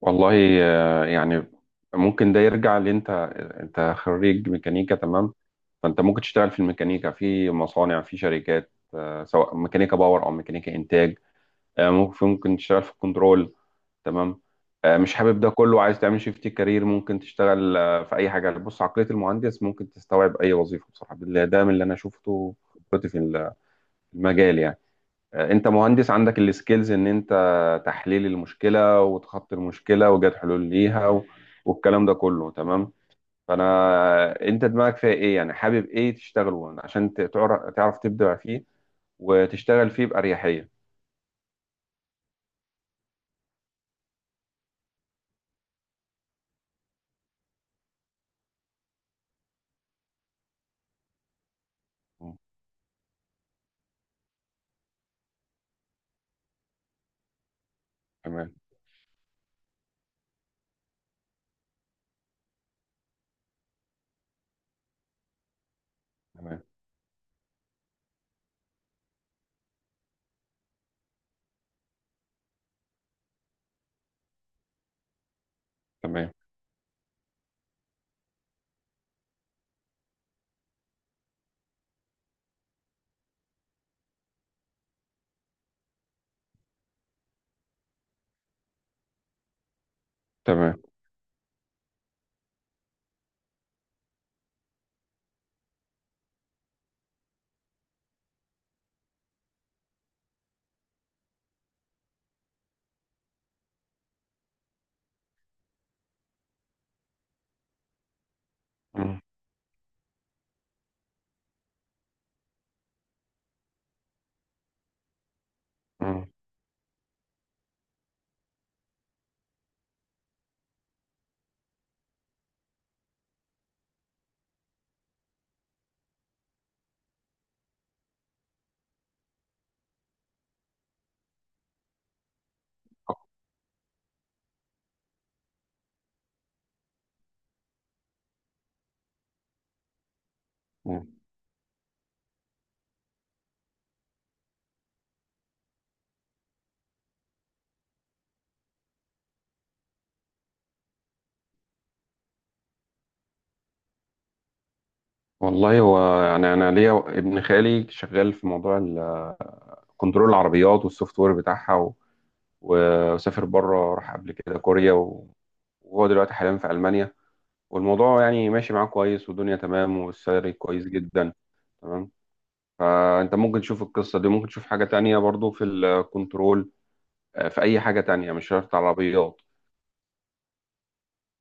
والله يعني ممكن ده يرجع اللي انت انت خريج ميكانيكا. تمام. فانت ممكن تشتغل في الميكانيكا، في مصانع، في شركات، سواء ميكانيكا باور او ميكانيكا انتاج. ممكن تشتغل في الكنترول. تمام. مش حابب ده كله، عايز تعمل شيفت كارير، ممكن تشتغل في اي حاجه. بص، عقليه المهندس ممكن تستوعب اي وظيفه بصراحه بالله، ده من اللي انا شفته خبرتي في المجال يعني. انت مهندس عندك السكيلز ان انت تحليل المشكله وتخطي المشكله وجد حلول ليها والكلام ده كله. تمام. انت دماغك فيها ايه يعني، حابب ايه تشتغل وانا عشان تعرف تبدع فيه وتشتغل فيه باريحيه. مم. تمام، تمام، تمام، تمام. مم. مم. مم. والله هو يعني انا ليا ابن خالي شغال في موضوع كنترول العربيات والسوفت وير بتاعها. وسافر بره، راح قبل كده كوريا، وهو دلوقتي حاليا في ألمانيا. والموضوع يعني ماشي معاه كويس، والدنيا تمام، والسالري كويس جدا. تمام. فأنت ممكن تشوف القصة دي، ممكن تشوف حاجة تانية برضو في الكنترول، في أي حاجة تانية، مش شرط عربيات.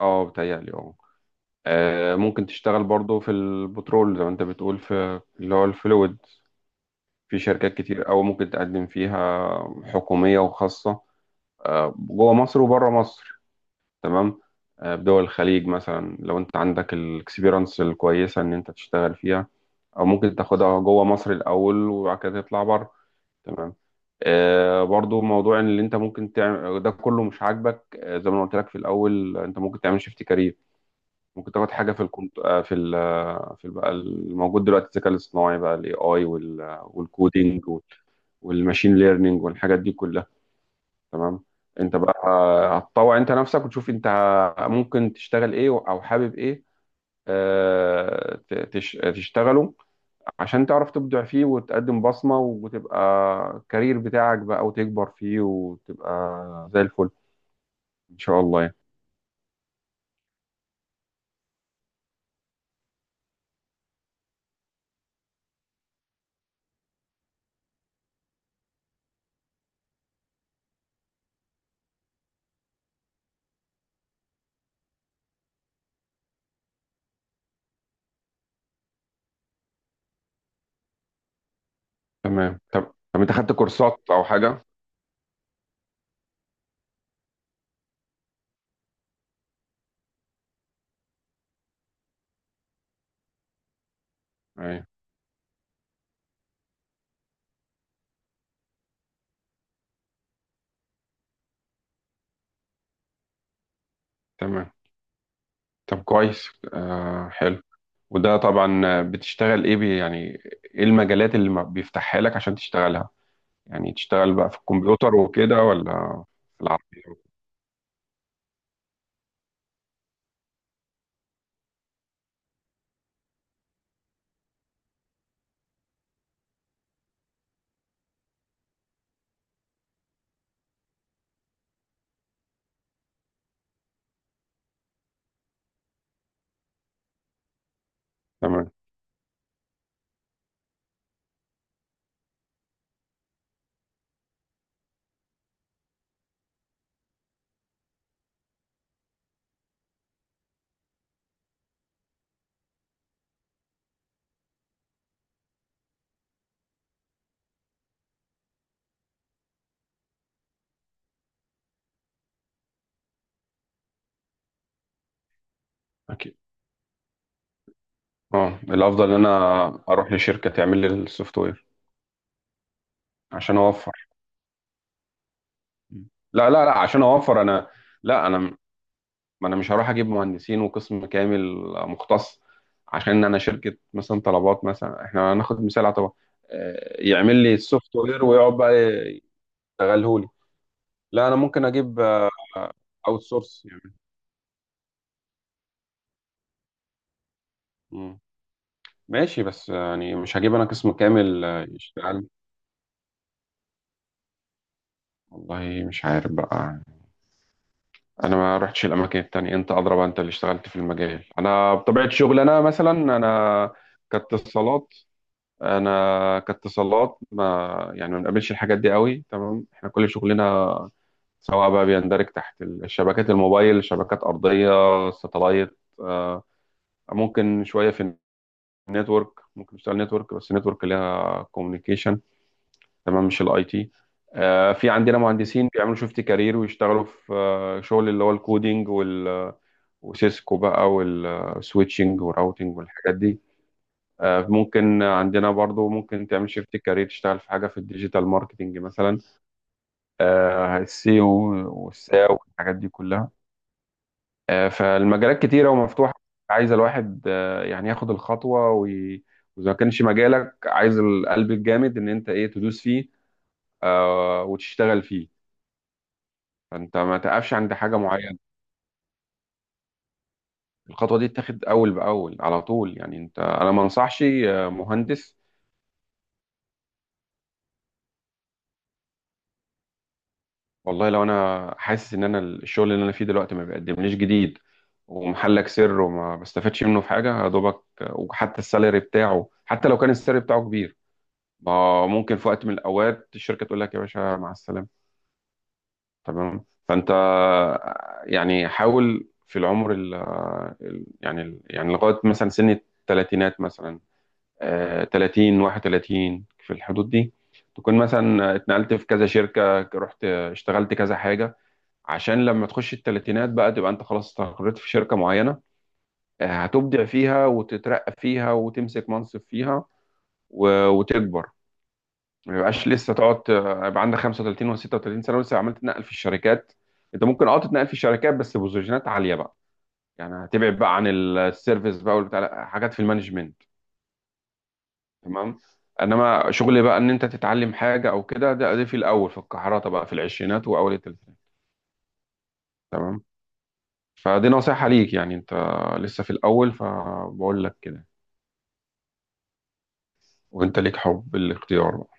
اه، بتهيألي، اه. ممكن تشتغل برضو في البترول زي ما انت بتقول، في اللي هو الفلويد. في شركات كتير أوي ممكن تقدم فيها، حكومية وخاصة، جوه مصر وبره مصر. تمام. بدول الخليج مثلا لو انت عندك الاكسبيرنس الكويسه ان انت تشتغل فيها، او ممكن تاخدها جوه مصر الاول وبعد كده تطلع بره. تمام. برضو موضوع ان اللي انت ممكن تعمل ده كله مش عاجبك، زي ما أنا قلت لك في الاول، انت ممكن تعمل شيفت كارير. ممكن تاخد حاجه في الكمت... آه، في ال... آه، في ال- بقى الموجود دلوقتي الذكاء الاصطناعي، بقى الاي اي، والكودينج والماشين ليرنينج والحاجات دي كلها. تمام. انت بقى هتطوع انت نفسك وتشوف انت ممكن تشتغل ايه او حابب ايه، تشتغله عشان تعرف تبدع فيه وتقدم بصمة، وتبقى الكارير بتاعك بقى وتكبر فيه وتبقى زي الفل ان شاء الله يعني. تمام. طب انت خدت كورسات او حاجة؟ ايه. تمام، طب كويس، حلو. وده طبعا بتشتغل ايه يعني، ايه المجالات اللي ما بيفتحها لك عشان تشتغلها؟ يعني تشتغل بقى في الكمبيوتر وكده، ولا في العربية؟ تمام. أكيد. اه، الأفضل إن أنا أروح لشركة تعمل لي السوفت وير عشان أوفر. لا، لا، لا، عشان أوفر أنا. لا، ما أنا مش هروح أجيب مهندسين وقسم كامل مختص. عشان أنا شركة مثلا، طلبات مثلا، إحنا هناخد مثال على طبعا، يعمل لي السوفت وير ويقعد بقى يشتغله لي. لا، أنا ممكن أجيب أوت سورس يعني. مم. ماشي، بس يعني مش هجيب أنا قسم كامل يشتغل. والله مش عارف بقى. انا ما رحتش الاماكن التانية، انت اللي اشتغلت في المجال. انا بطبيعة شغلي، كاتصالات انا كاتصالات ما يعني ما بنقابلش الحاجات دي قوي. تمام. احنا كل شغلنا، سواء بقى، بيندرج تحت الشبكات الموبايل، شبكات ارضية، ساتلايت، ممكن شوية في النتورك، ممكن نشتغل نتورك، بس النتورك ليها كوميونيكيشن. تمام، مش الاي تي. في عندنا مهندسين بيعملوا شيفت كارير ويشتغلوا في شغل اللي هو الكودينج وسيسكو بقى والسويتشنج والراوتنج والحاجات دي. ممكن عندنا برضو، ممكن تعمل شيفت كارير، تشتغل في حاجة في الديجيتال ماركتنج مثلا، السيو والساو والحاجات دي كلها. فالمجالات كتيرة ومفتوحة. عايز الواحد يعني ياخد الخطوة وإذا ما كانش مجالك، عايز القلب الجامد إن أنت إيه، تدوس فيه وتشتغل فيه. فانت ما تقفش عند حاجه معينه. الخطوه دي تتاخد اول باول على طول يعني. انا ما انصحش مهندس. والله لو انا حاسس ان انا الشغل اللي انا فيه دلوقتي ما بيقدمليش جديد، ومحلك سر، وما بستفادش منه في حاجه يا دوبك، وحتى السالري بتاعه، حتى لو كان السالري بتاعه كبير. ما ممكن في وقت من الاوقات الشركه تقول لك يا باشا مع السلامه. تمام. فانت يعني حاول في العمر ال آه، ال- يعني ال- يعني لغايه مثلا سن الثلاثينات مثلا، 30 31 في الحدود دي، تكون مثلا اتنقلت في كذا شركة، رحت اشتغلت كذا حاجة. عشان لما تخش التلاتينات بقى، تبقى انت خلاص استقريت في شركة معينة، هتبدع فيها وتترقى فيها وتمسك منصب فيها وتكبر. ما يبقاش لسه تقعد يبقى عندك 35 و36 سنة ولسه عمال تتنقل في الشركات. انت ممكن تتنقل في الشركات، بس بوزيشنات عالية بقى، يعني هتبعد بقى عن السيرفيس بقى والبتاع، لا، حاجات في المانجمنت. تمام. انما شغل بقى ان انت تتعلم حاجه او كده، ده في الاول، في الكحرته بقى، في العشرينات واول الثلاثينات. تمام. فدي نصيحه ليك يعني، انت لسه في الاول فبقول لك كده. وانت ليك حب الاختيار بقى.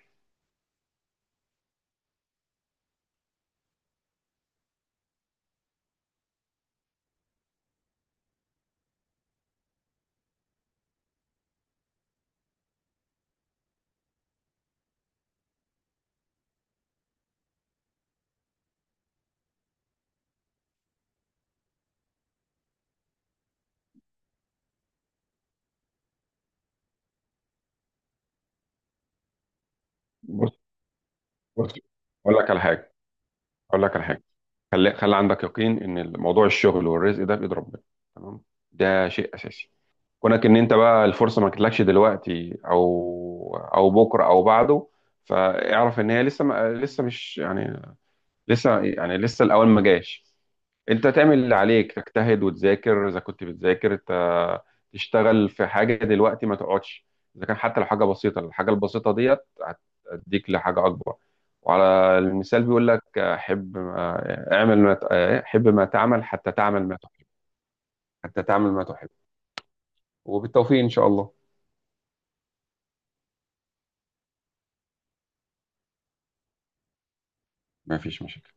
بص، بص، اقول لك على حاجه، اقول لك على حاجه. خلي، خلي عندك يقين ان موضوع الشغل والرزق ده بايد ربنا. تمام، ده شيء اساسي. كونك ان انت بقى الفرصه ما جاتلكش دلوقتي او بكره او بعده، فاعرف ان هي لسه ما لسه مش يعني لسه يعني لسه الاول ما جاش. انت تعمل اللي عليك، تجتهد وتذاكر اذا كنت بتذاكر، تشتغل في حاجه دلوقتي، ما تقعدش. اذا كان حتى لو حاجه بسيطه، الحاجه البسيطه ديت هتديك لحاجه اكبر. وعلى المثال بيقول لك، حب ما تعمل حتى تعمل ما تحب. حتى تعمل ما تحب. وبالتوفيق ان شاء الله. ما فيش مشاكل.